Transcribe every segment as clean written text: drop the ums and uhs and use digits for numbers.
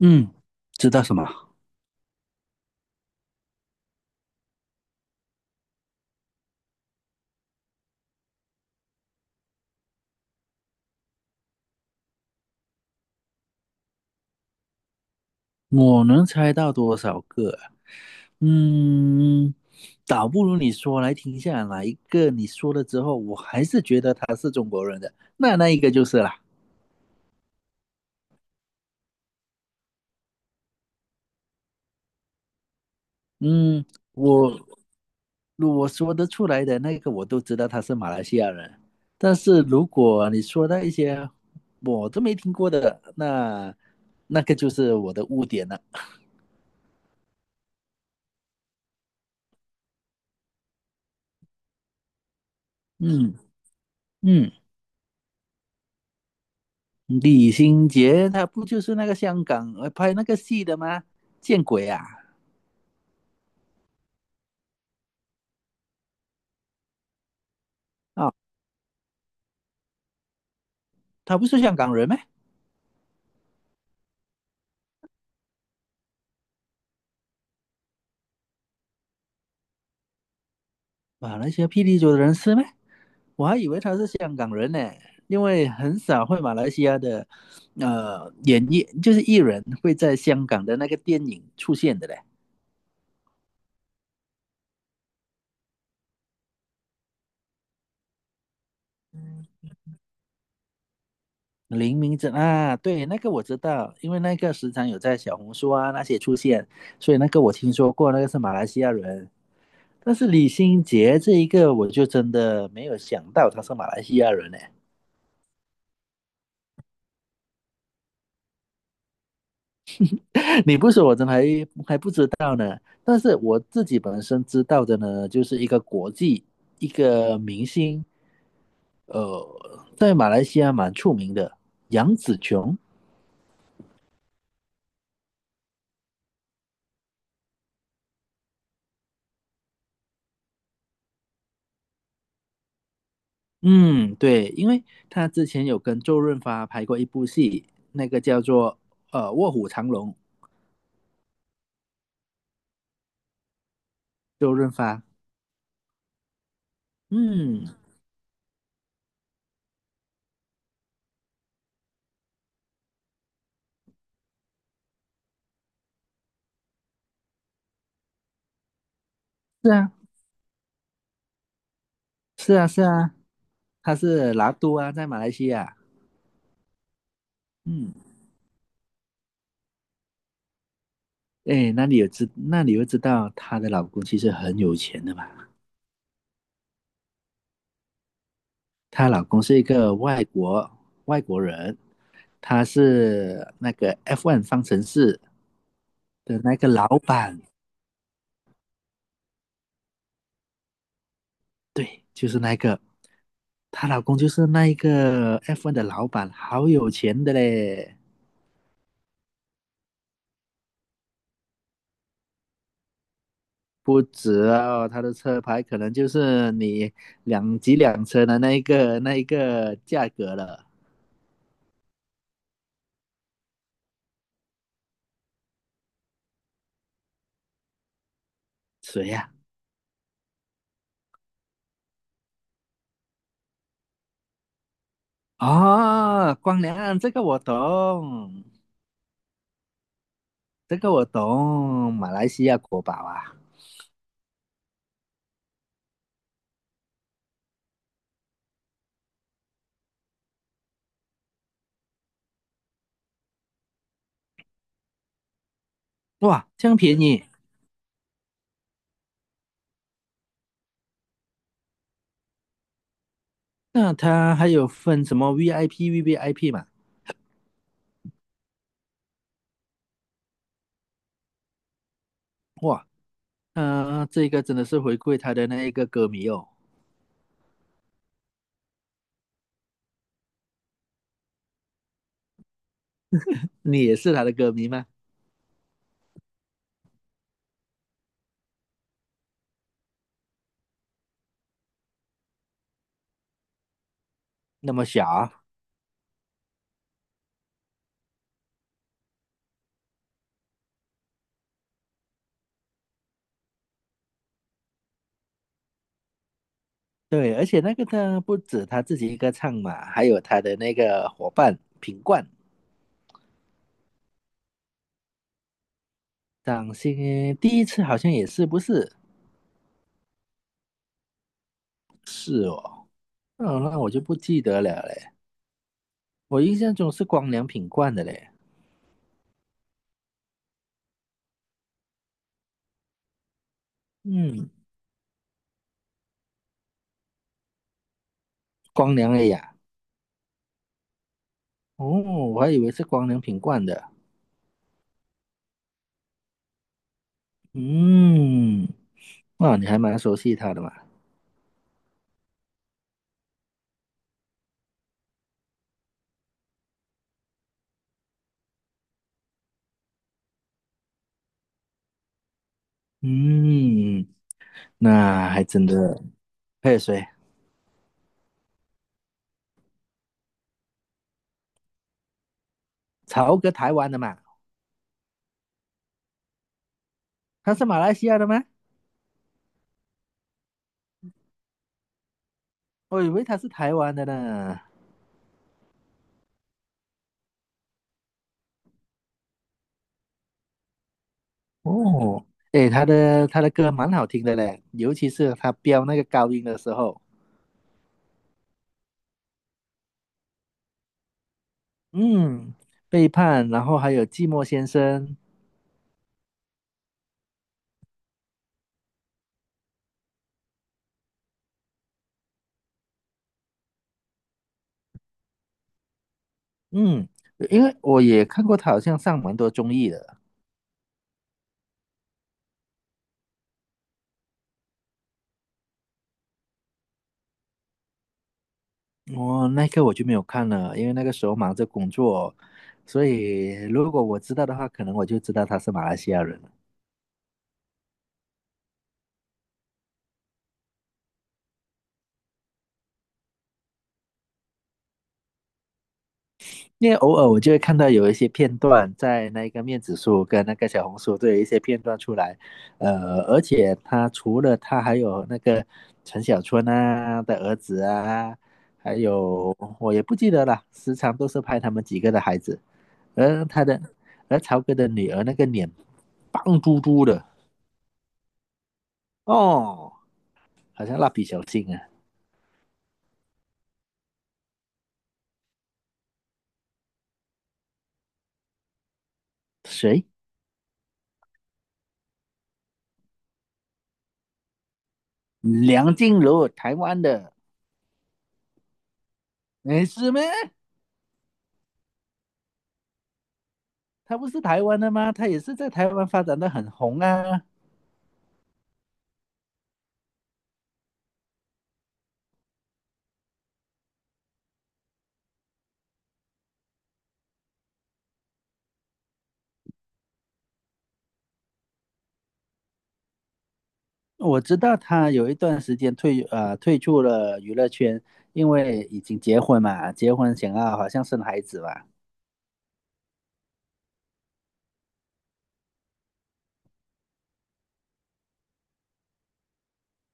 嗯，知道什么？我能猜到多少个啊嗯，倒不如你说来听一下哪一个你说了之后，我还是觉得他是中国人的，那那一个就是啦。嗯，我我说得出来的那个我都知道他是马来西亚人，但是如果你说到一些我都没听过的，那那个就是我的污点了。嗯嗯。李心洁她不就是那个香港拍那个戏的吗？见鬼啊！啊哦，她不是香港人吗？马来西亚霹雳州的人是吗？我还以为她是香港人呢，因为很少会马来西亚的演艺就是艺人会在香港的那个电影出现的嘞。林明珍啊，对，那个我知道，因为那个时常有在小红书啊那些出现，所以那个我听说过，那个是马来西亚人。但是李心洁这一个，我就真的没有想到他是马来西亚人呢。你不说，我真的还不知道呢。但是我自己本身知道的呢，就是一个国际一个明星，呃，在马来西亚蛮出名的杨紫琼。嗯，对，因为他之前有跟周润发拍过一部戏，那个叫做《卧虎藏龙》，周润发。嗯，是啊，是啊，是啊，他是拿督啊，在马来西亚。嗯，哎，那你又知道她的老公其实很有钱的嘛？她老公是一个外国人，他是那个 F1 方程式的那个老板。对，就是那个，她老公就是那一个 FE 的老板，好有钱的嘞。不止哦，他的车牌可能就是你两几辆车的那一个价格了。谁呀、哦，光良，这个我懂，这个我懂，马来西亚国宝啊，哇，这样便宜。那他还有分什么 VIP、VVIP 嘛？哇，嗯，这个真的是回馈他的那一个歌迷哦。你也是他的歌迷吗？那么小，啊。对，而且那个他不止他自己一个唱嘛，还有他的那个伙伴品冠，掌心第一次好像也是不是？是哦，哦，那我就不记得了嘞。我印象中是光良品冠的嘞，嗯，光良哎呀，哦，我还以为是光良品冠的，嗯，哇，你还蛮熟悉他的嘛，嗯，那还真的，还有谁？曹格台湾的嘛，他是马来西亚的吗？我以为他是台湾的呢。哦，诶，他的歌蛮好听的嘞，尤其是他飙那个高音的时候，嗯，背叛，然后还有寂寞先生，嗯，因为我也看过他好像上蛮多综艺的，我那个我就没有看了，因为那个时候忙着工作，所以如果我知道的话，可能我就知道他是马来西亚人。因为偶尔我就会看到有一些片段在那个面子书跟那个小红书都有一些片段出来，而且他除了他还有那个陈小春啊的儿子啊，还有我也不记得了，时常都是拍他们几个的孩子，而他的而曹哥的女儿那个脸胖嘟嘟的哦，好像蜡笔小新啊，谁？梁静茹，台湾的，没事吗？他不是台湾的吗？他也是在台湾发展的很红啊。我知道他有一段时间退出了娱乐圈，因为已经结婚嘛，结婚想要好像生孩子吧。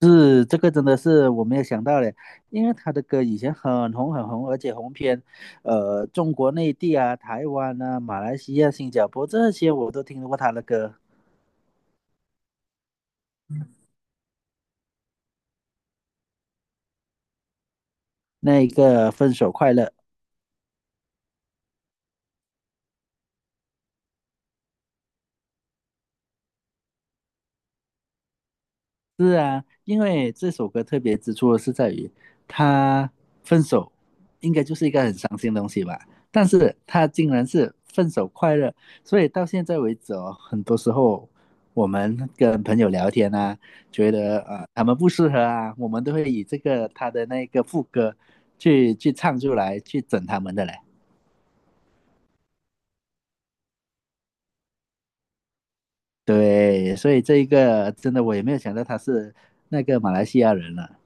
是这个真的是我没有想到嘞，因为他的歌以前很红很红，而且红遍中国内地啊、台湾啊、马来西亚、新加坡这些我都听过他的歌。那一个分手快乐，是啊，因为这首歌特别之处是在于，他分手应该就是一个很伤心的东西吧，但是他竟然是分手快乐，所以到现在为止哦，很多时候我们跟朋友聊天啊，觉得他们不适合啊，我们都会以这个他的那个副歌去唱出来，去整他们的嘞。对，所以这一个真的我也没有想到他是那个马来西亚人了。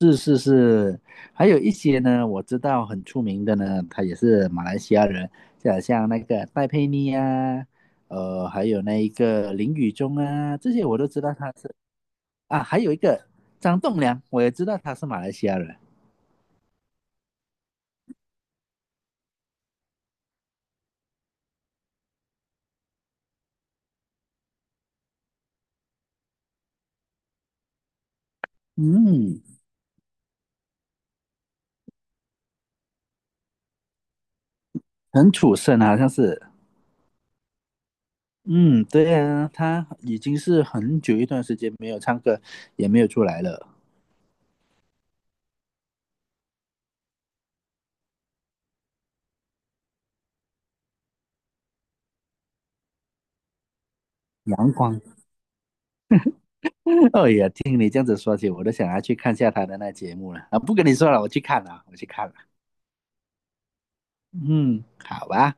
是是是，还有一些呢，我知道很出名的呢，他也是马来西亚人，就好像那个戴佩妮啊，还有那一个林宇中啊，这些我都知道他是啊，还有一个张栋梁，我也知道他是马来西亚人，嗯，陈楚生啊好像是，嗯，对啊，他已经是很久一段时间没有唱歌，也没有出来了。阳光，哎呀，听你这样子说起，我都想要去看一下他的那节目了啊！不跟你说了，我去看了，我去看了。嗯，好吧。